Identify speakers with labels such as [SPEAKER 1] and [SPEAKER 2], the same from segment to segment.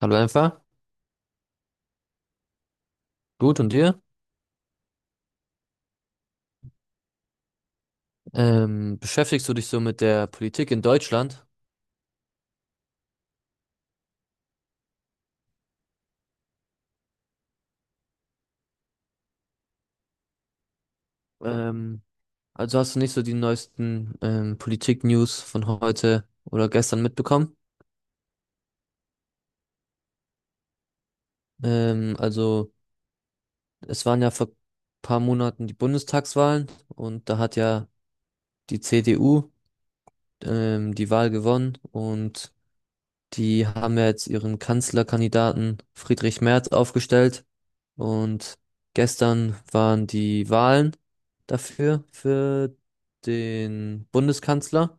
[SPEAKER 1] Hallo einfach. Gut, und dir? Beschäftigst du dich so mit der Politik in Deutschland? Ähm, also hast du nicht so die neuesten Politik-News von heute oder gestern mitbekommen? Also es waren ja vor paar Monaten die Bundestagswahlen, und da hat ja die CDU die Wahl gewonnen. Und die haben ja jetzt ihren Kanzlerkandidaten Friedrich Merz aufgestellt, und gestern waren die Wahlen dafür, für den Bundeskanzler.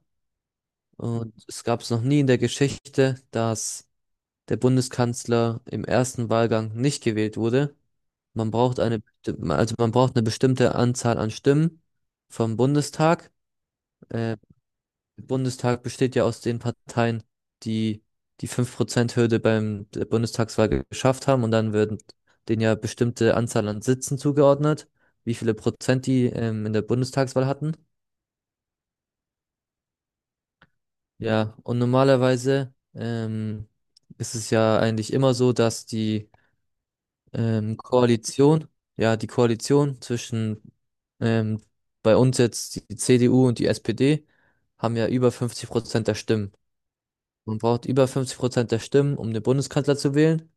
[SPEAKER 1] Und es gab es noch nie in der Geschichte, dass der Bundeskanzler im ersten Wahlgang nicht gewählt wurde. Man braucht also man braucht eine bestimmte Anzahl an Stimmen vom Bundestag. äh, Bundestag besteht ja aus den Parteien, die die 5% hürde beim der Bundestagswahl geschafft haben, und dann werden denen ja bestimmte Anzahl an Sitzen zugeordnet, wie viele Prozent die in der Bundestagswahl hatten. Ja, und normalerweise ist es ja eigentlich immer so, dass die Koalition, ja, die Koalition zwischen ähm, bei uns jetzt die CDU und die SPD haben ja über 50% der Stimmen. Man braucht über 50% der Stimmen, um den Bundeskanzler zu wählen.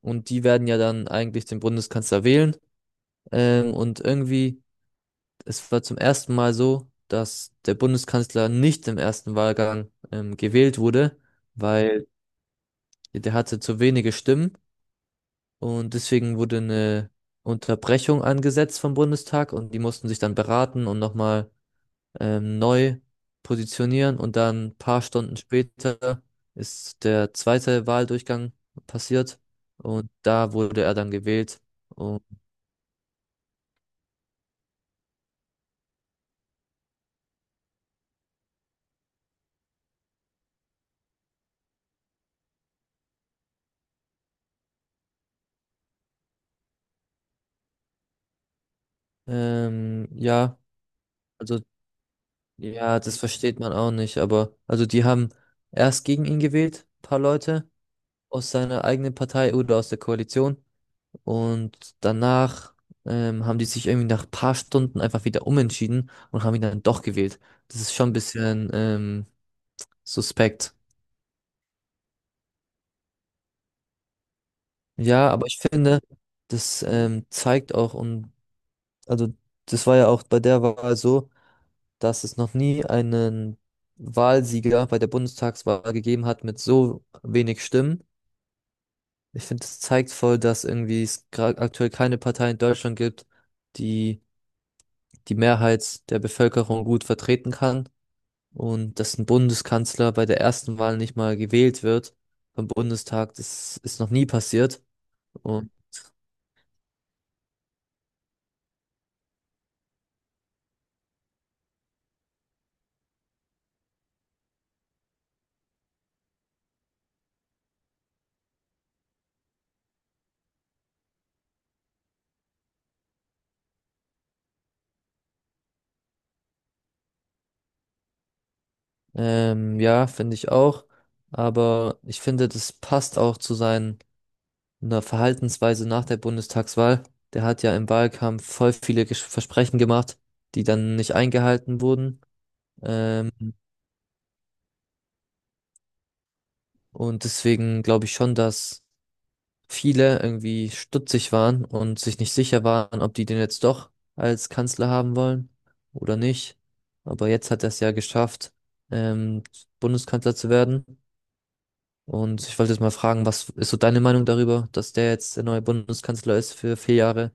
[SPEAKER 1] Und die werden ja dann eigentlich den Bundeskanzler wählen. Und irgendwie, es war zum ersten Mal so, dass der Bundeskanzler nicht im ersten Wahlgang gewählt wurde, weil der hatte zu wenige Stimmen. Und deswegen wurde eine Unterbrechung angesetzt vom Bundestag, und die mussten sich dann beraten und nochmal neu positionieren, und dann ein paar Stunden später ist der zweite Wahldurchgang passiert, und da wurde er dann gewählt. Und ja, also ja, das versteht man auch nicht, aber also die haben erst gegen ihn gewählt, paar Leute aus seiner eigenen Partei oder aus der Koalition, und danach haben die sich irgendwie nach paar Stunden einfach wieder umentschieden und haben ihn dann doch gewählt. Das ist schon ein bisschen suspekt. Ja, aber ich finde, das zeigt auch, und also das war ja auch bei der Wahl so, dass es noch nie einen Wahlsieger bei der Bundestagswahl gegeben hat mit so wenig Stimmen. Ich finde, das zeigt voll, dass irgendwie es gerade aktuell keine Partei in Deutschland gibt, die die Mehrheit der Bevölkerung gut vertreten kann, und dass ein Bundeskanzler bei der ersten Wahl nicht mal gewählt wird vom Bundestag. Das ist noch nie passiert, und ja, finde ich auch. Aber ich finde, das passt auch zu seiner Verhaltensweise nach der Bundestagswahl. Der hat ja im Wahlkampf voll viele Versprechen gemacht, die dann nicht eingehalten wurden. Ähm, und deswegen glaube ich schon, dass viele irgendwie stutzig waren und sich nicht sicher waren, ob die den jetzt doch als Kanzler haben wollen oder nicht. Aber jetzt hat er es ja geschafft, ähm, Bundeskanzler zu werden. Und ich wollte jetzt mal fragen, was ist so deine Meinung darüber, dass der jetzt der neue Bundeskanzler ist für 4 Jahre?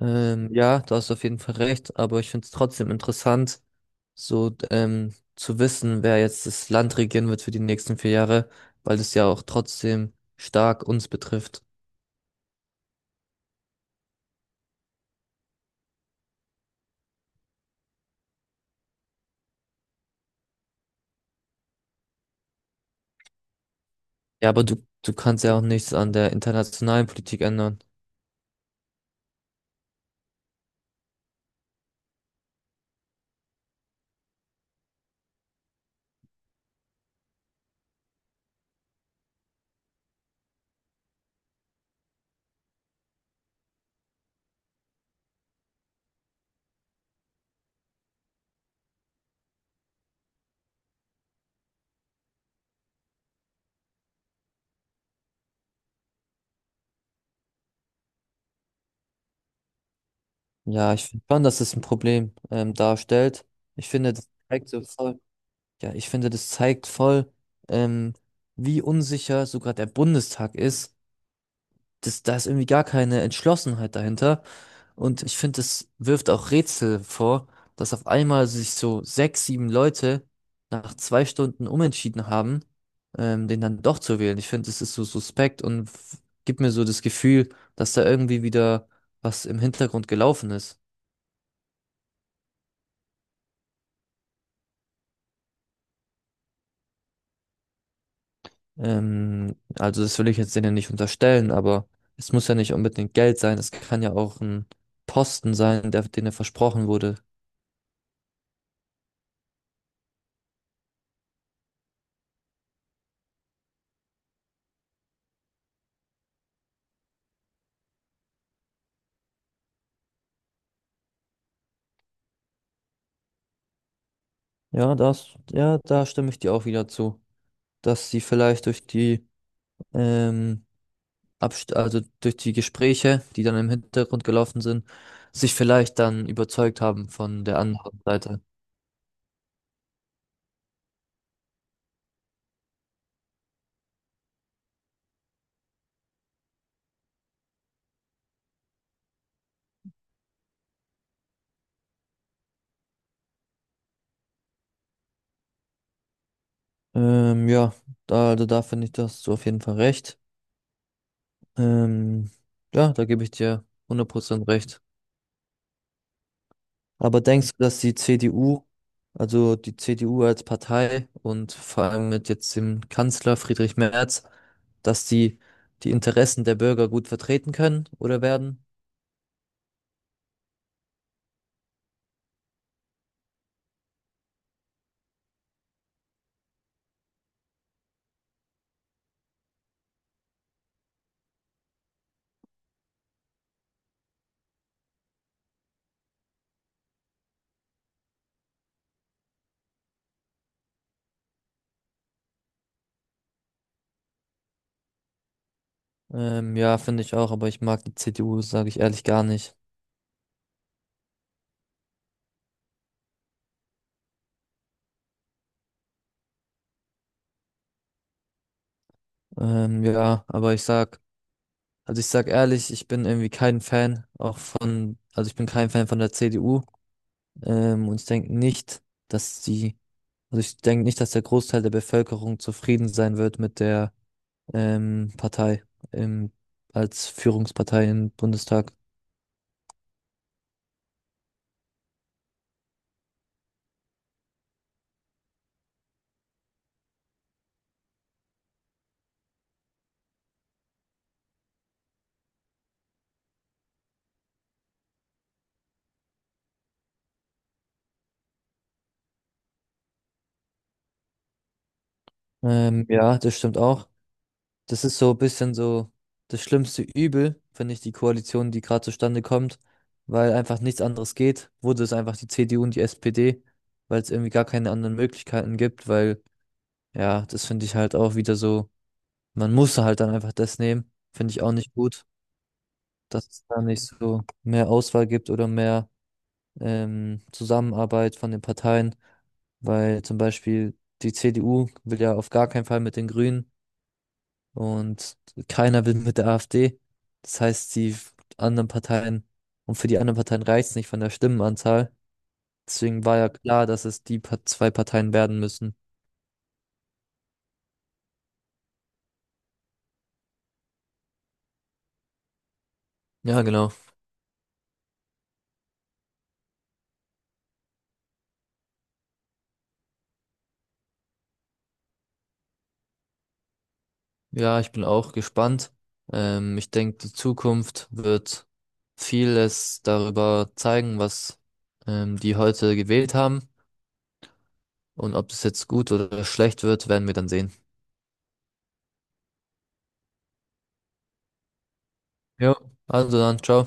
[SPEAKER 1] Ja, da hast du auf jeden Fall recht, aber ich finde es trotzdem interessant, so zu wissen, wer jetzt das Land regieren wird für die nächsten 4 Jahre, weil das ja auch trotzdem stark uns betrifft. Ja, aber du kannst ja auch nichts an der internationalen Politik ändern. Ja, ich finde schon, dass es ein Problem darstellt. Ich finde, das zeigt so voll. Ja, ich finde, das zeigt voll, ähm, wie unsicher sogar der Bundestag ist. Das, da ist irgendwie gar keine Entschlossenheit dahinter. Und ich finde, das wirft auch Rätsel vor, dass auf einmal sich so sechs, sieben Leute nach 2 Stunden umentschieden haben, den dann doch zu wählen. Ich finde, das ist so suspekt und gibt mir so das Gefühl, dass da irgendwie wieder was im Hintergrund gelaufen ist. Also das will ich jetzt denen nicht unterstellen, aber es muss ja nicht unbedingt Geld sein. Es kann ja auch ein Posten sein, der denen versprochen wurde. Ja, das, ja, da stimme ich dir auch wieder zu, dass sie vielleicht durch die, ähm, Abst also durch die Gespräche, die dann im Hintergrund gelaufen sind, sich vielleicht dann überzeugt haben von der anderen Seite. Ja, da, also da finde ich, da hast du auf jeden Fall recht. Ähm, ja, da gebe ich dir 100% recht. Aber denkst du, dass die CDU, also die CDU als Partei und vor allem mit jetzt dem Kanzler Friedrich Merz, dass die die Interessen der Bürger gut vertreten können oder werden? Ja, finde ich auch, aber ich mag die CDU, sage ich ehrlich, gar nicht. Ja, aber ich sag, also ich sag ehrlich, ich bin irgendwie kein Fan auch von, also ich bin kein Fan von der CDU. Und ich denke nicht, dass die, also ich denke nicht, dass der Großteil der Bevölkerung zufrieden sein wird mit der Partei im, als Führungspartei im Bundestag. Ja, das stimmt auch. Das ist so ein bisschen so das schlimmste Übel, finde ich, die Koalition, die gerade zustande kommt, weil einfach nichts anderes geht. Wurde es einfach die CDU und die SPD, weil es irgendwie gar keine anderen Möglichkeiten gibt, weil, ja, das finde ich halt auch wieder so, man muss halt dann einfach das nehmen. Finde ich auch nicht gut, dass es da nicht so mehr Auswahl gibt oder mehr. Zusammenarbeit von den Parteien, weil zum Beispiel die CDU will ja auf gar keinen Fall mit den Grünen, und keiner will mit der AfD. Das heißt, die anderen Parteien, und für die anderen Parteien reicht es nicht von der Stimmenanzahl. Deswegen war ja klar, dass es die pa 2 Parteien werden müssen. Ja, genau. Ja, ich bin auch gespannt. Ich denke, die Zukunft wird vieles darüber zeigen, was die heute gewählt haben. Und ob das jetzt gut oder schlecht wird, werden wir dann sehen. Ja. Also dann, ciao.